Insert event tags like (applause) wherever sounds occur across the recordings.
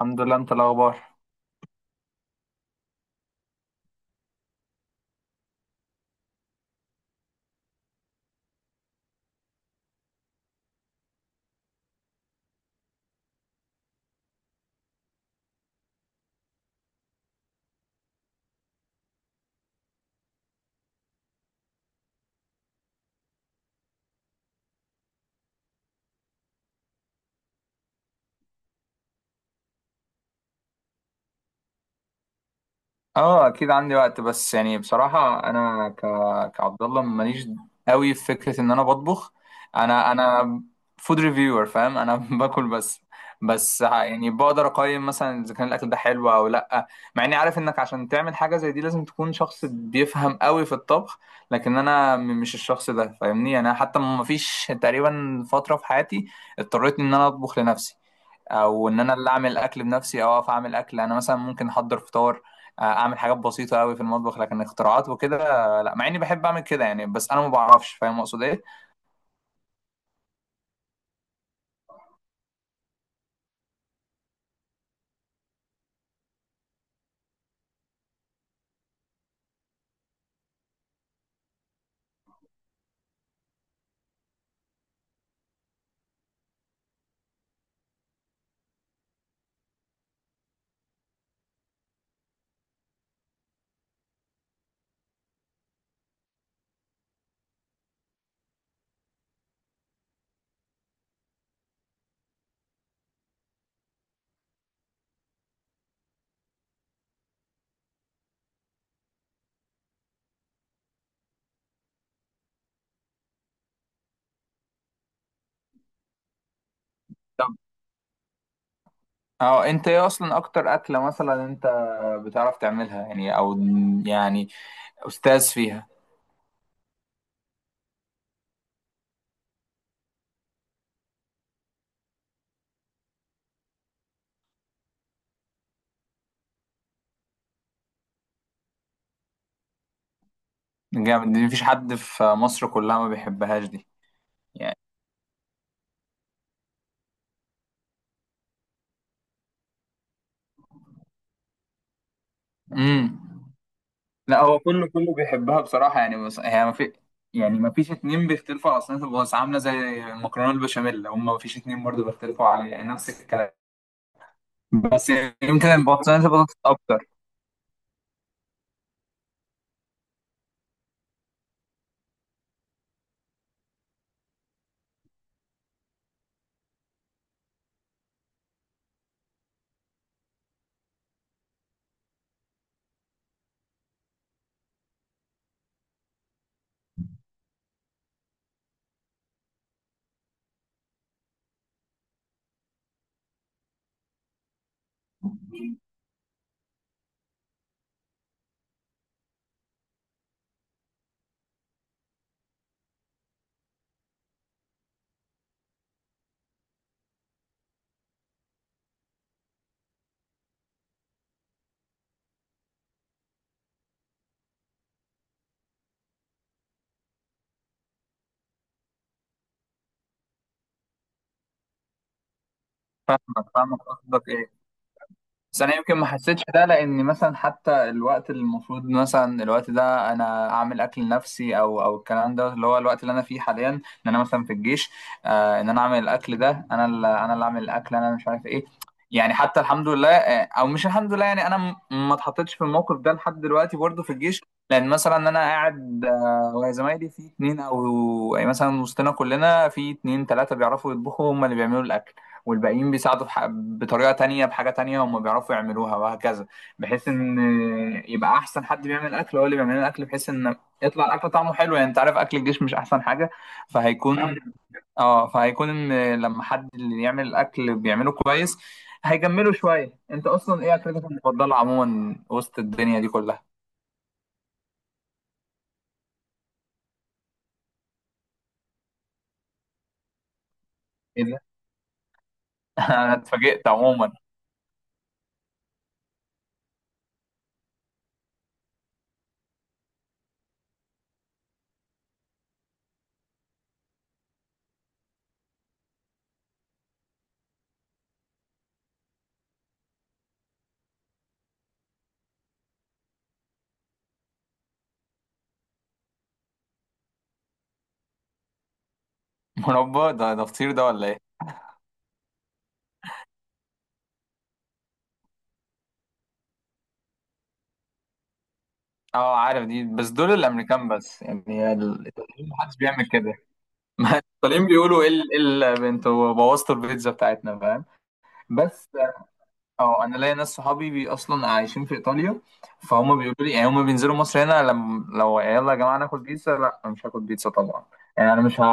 الحمد لله. انت الاخبار؟ اه، اكيد عندي وقت. بس يعني بصراحه انا كعبد الله ماليش قوي في فكره ان انا بطبخ. انا فود ريفيور، فاهم؟ انا (laughs) باكل بس. بس يعني بقدر اقيم مثلا اذا كان الاكل ده حلو او لا. مع اني عارف انك عشان تعمل حاجه زي دي لازم تكون شخص بيفهم قوي في الطبخ، لكن انا مش الشخص ده، فاهمني؟ يعني انا حتى ما فيش تقريبا فتره في حياتي اضطريت ان انا اطبخ لنفسي، او ان انا اللي اعمل الاكل بنفسي، او اقف اعمل اكل. انا مثلا ممكن احضر فطار، اعمل حاجات بسيطه قوي في المطبخ. لكن اختراعات وكده، لا. مع اني بحب اعمل كده يعني، بس انا ما بعرفش. فاهم اقصد ايه؟ طب، اه انت ايه اصلا اكتر اكله مثلا انت بتعرف تعملها؟ يعني، او يعني استاذ فيها. جامد. دي مفيش حد في مصر كلها ما بيحبهاش دي. يعني، امم لا، هو كله بيحبها بصراحة. يعني بس هي ما في، يعني ما فيش اتنين بيختلفوا على صينية البطاطس، عاملة زي المكرونة البشاميل. هم ما فيش اتنين برضه بيختلفوا على، يعني نفس الكلام. بس يعني يمكن صينية البطاطس أكتر. ما فاهمك، قصدك إيه؟ بس انا يمكن ما حسيتش ده، لان مثلا حتى الوقت اللي المفروض مثلا الوقت ده انا اعمل اكل لنفسي، او الكلام ده، اللي هو الوقت اللي انا فيه حاليا، ان انا مثلا في الجيش. آه، ان انا اعمل الاكل ده، انا اللي اعمل الاكل، انا مش عارف ايه. يعني حتى الحمد لله، او مش الحمد لله يعني، انا ما اتحطيتش في الموقف ده لحد دلوقتي برضه في الجيش. لان مثلا انا قاعد، وزمايلي في اتنين، او يعني مثلا وسطنا كلنا في اتنين تلاته بيعرفوا يطبخوا، هم اللي بيعملوا الاكل. والباقيين بيساعدوا بطريقة تانية، بحاجة تانية هم بيعرفوا يعملوها، وهكذا. بحيث ان يبقى احسن حد بيعمل اكل هو اللي بيعمل الاكل، بحيث ان يطلع الاكل طعمه حلو. يعني انت عارف اكل الجيش مش احسن حاجة. فهيكون اه فهيكون ان لما حد اللي يعمل الاكل بيعمله كويس هيجمله شوية. انت اصلا ايه اكلتك المفضلة عموما وسط الدنيا دي كلها؟ ايه ده؟ (laughs) انا اتفاجئت عموما. مربى؟ ده فطير ده ولا ايه؟ اه عارف دي، بس دول الامريكان بس. يعني الإيطاليين محدش بيعمل كده. (laughs) ما طالعين بيقولوا ايه ايه البنت وبوظتوا البيتزا بتاعتنا، فاهم؟ بس اه انا ليا ناس صحابي بي اصلا عايشين في ايطاليا. فهم بيقولوا لي، يعني هم بينزلوا مصر هنا، لم لو يلا يا جماعه ناكل بيتزا، لا أنا مش هاكل بيتزا طبعا. يعني انا مش ه...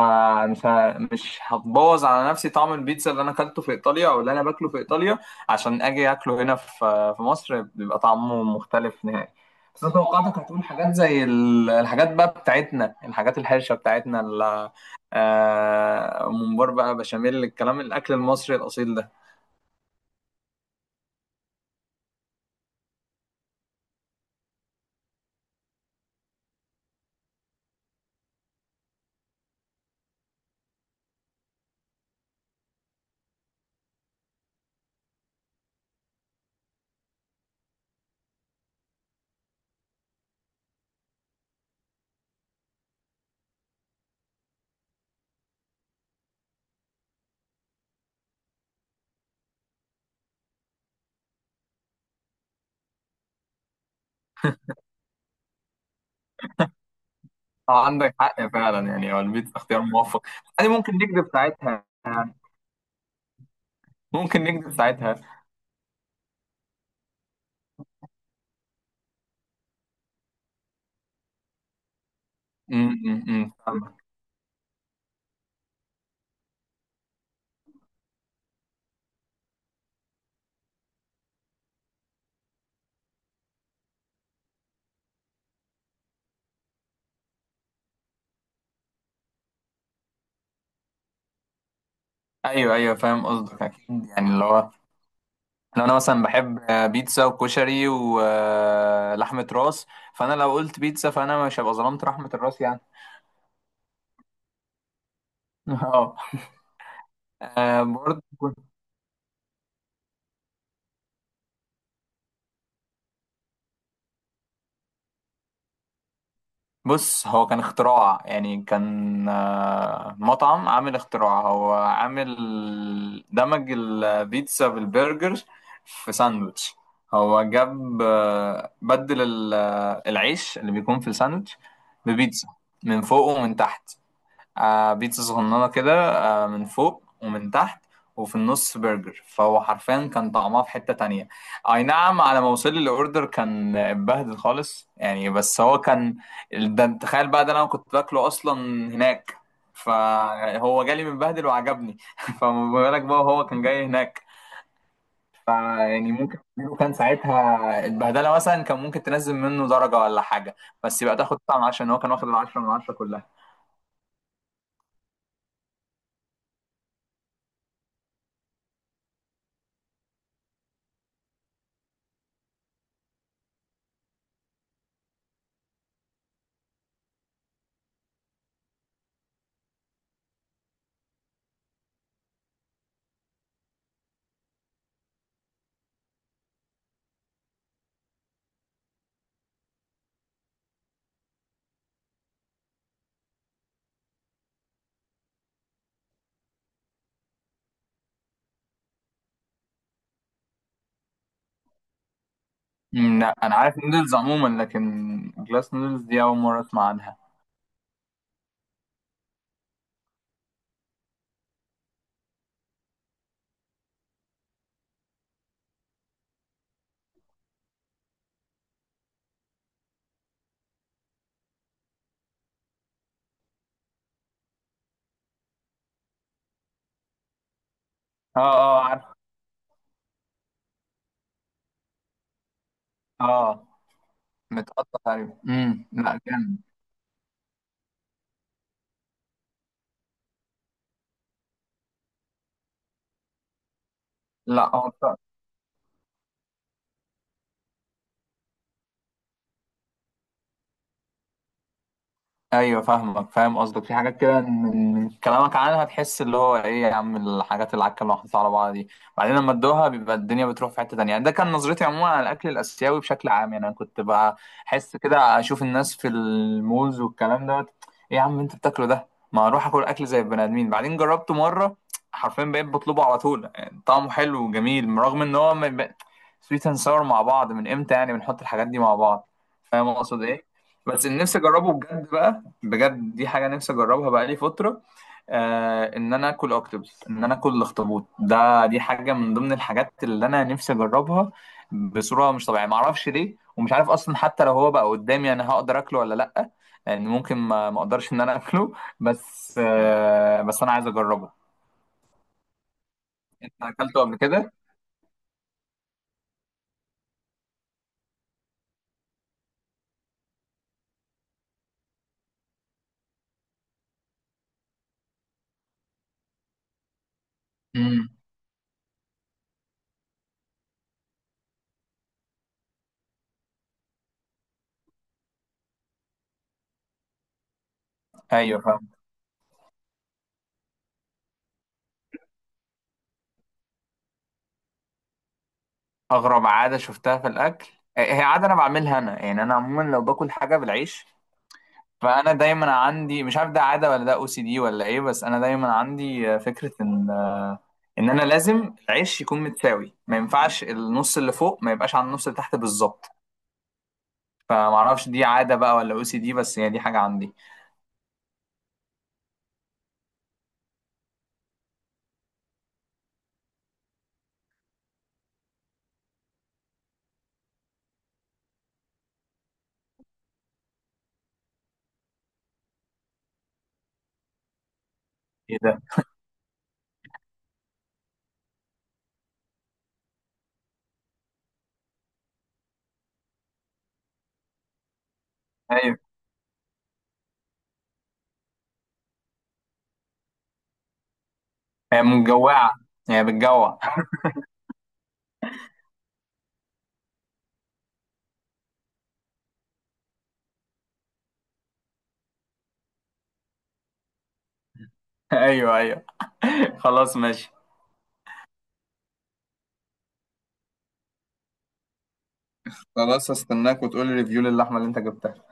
مش ه... مش هتبوظ على نفسي طعم البيتزا اللي انا اكلته في ايطاليا او اللي انا باكله في ايطاليا عشان اجي اكله هنا في في مصر. بيبقى طعمه مختلف نهائي. بس انا توقعتك هتقول حاجات زي الحاجات بقى بتاعتنا، الحاجات الحرشه بتاعتنا، ممبار بقى، بشاميل، الكلام، الاكل المصري الاصيل ده. عندك حق فعلا. يعني هو البيتزا اختيار موفق. يعني ممكن نكذب ساعتها. ممكن نكذب ساعتها. امم، فاهمك. ايوه ايوه فاهم قصدك اكيد. يعني اللي هو لو انا مثلا بحب بيتزا وكشري ولحمه راس، فانا لو قلت بيتزا فانا مش هبقى ظلمت لحمه الراس يعني. (laughs) اه. برضه. بص هو كان اختراع. يعني كان مطعم عامل اختراع، هو عامل دمج البيتزا بالبرجر في ساندوتش. هو جاب بدل العيش اللي بيكون في الساندوتش ببيتزا، من فوق ومن تحت. بيتزا صغننة كده، من فوق ومن تحت، وفي النص برجر. فهو حرفيا كان طعمها في حتة تانية. أي نعم، على ما وصل لي الأوردر كان اتبهدل خالص يعني، بس هو كان، ده انت تخيل بقى، ده أنا كنت باكله أصلا هناك. فهو جالي متبهدل وعجبني. (laughs) فما بالك بقى، هو كان جاي هناك. فيعني ممكن لو كان ساعتها البهدلة مثلا كان ممكن تنزل منه درجة ولا حاجة، بس يبقى تاخد طعم. عشان هو كان واخد 10/10 كلها. مم، لا انا عارف نودلز عموما، لكن جلاس نودلز دي اول مره اسمع عنها. اه. اه عارف. اه متقطع تقريبا. امم، لا جامد. لا هو ايوه فاهمك، فاهم قصدك. في حاجات كده من كلامك عنها تحس اللي هو ايه يا عم الحاجات العكه اللي محطوطه على بعض دي. بعدين لما ادوها بيبقى الدنيا بتروح في حته تانية يعني. ده كان نظرتي عموما على الاكل الاسيوي بشكل عام يعني. انا كنت بحس كده اشوف الناس في المولز والكلام دوت، ايه يا عم انت بتاكله ده، ما اروح اكل اكل زي البني ادمين. بعدين جربته مره، حرفيا بقيت بطلبه على طول. يعني طعمه حلو وجميل، رغم ان هو سويت اند ساور مع بعض. من امتى يعني بنحط الحاجات دي مع بعض؟ فاهم اقصد ايه؟ بس اللي نفسي اجربه بجد بقى، بجد دي حاجة نفسي أجربها بقالي فترة، إن أنا آكل أوكتوبس، إن أنا آكل الأخطبوط ده. دي حاجة من ضمن الحاجات اللي أنا نفسي أجربها بصورة مش طبيعية، معرفش ليه. ومش عارف أصلا حتى لو هو بقى قدامي أنا هقدر آكله ولا لأ، لأن ممكن ما أقدرش إن أنا آكله. بس أنا عايز أجربه. أنت أكلته قبل كده؟ امم. أيوه فاهم. أغرب عادة شفتها في الأكل؟ هي عادة أنا بعملها أنا، يعني أنا عموما لو باكل حاجة بالعيش، فانا دايما عندي، مش عارف ده عاده ولا ده OCD ولا ايه، بس انا دايما عندي فكره ان انا لازم العيش يكون متساوي، ما ينفعش النص اللي فوق ما يبقاش على النص اللي تحت بالظبط. فما اعرفش دي عاده بقى ولا OCD، بس هي دي حاجه عندي. ايه ده؟ ايوه. هي مجوعه. هي بتجوع. (laughs) ايوه ايوه. (laughs) خلاص ماشي. خلاص هستناك، وتقولي ريفيو للحمه اللي انت جبتها.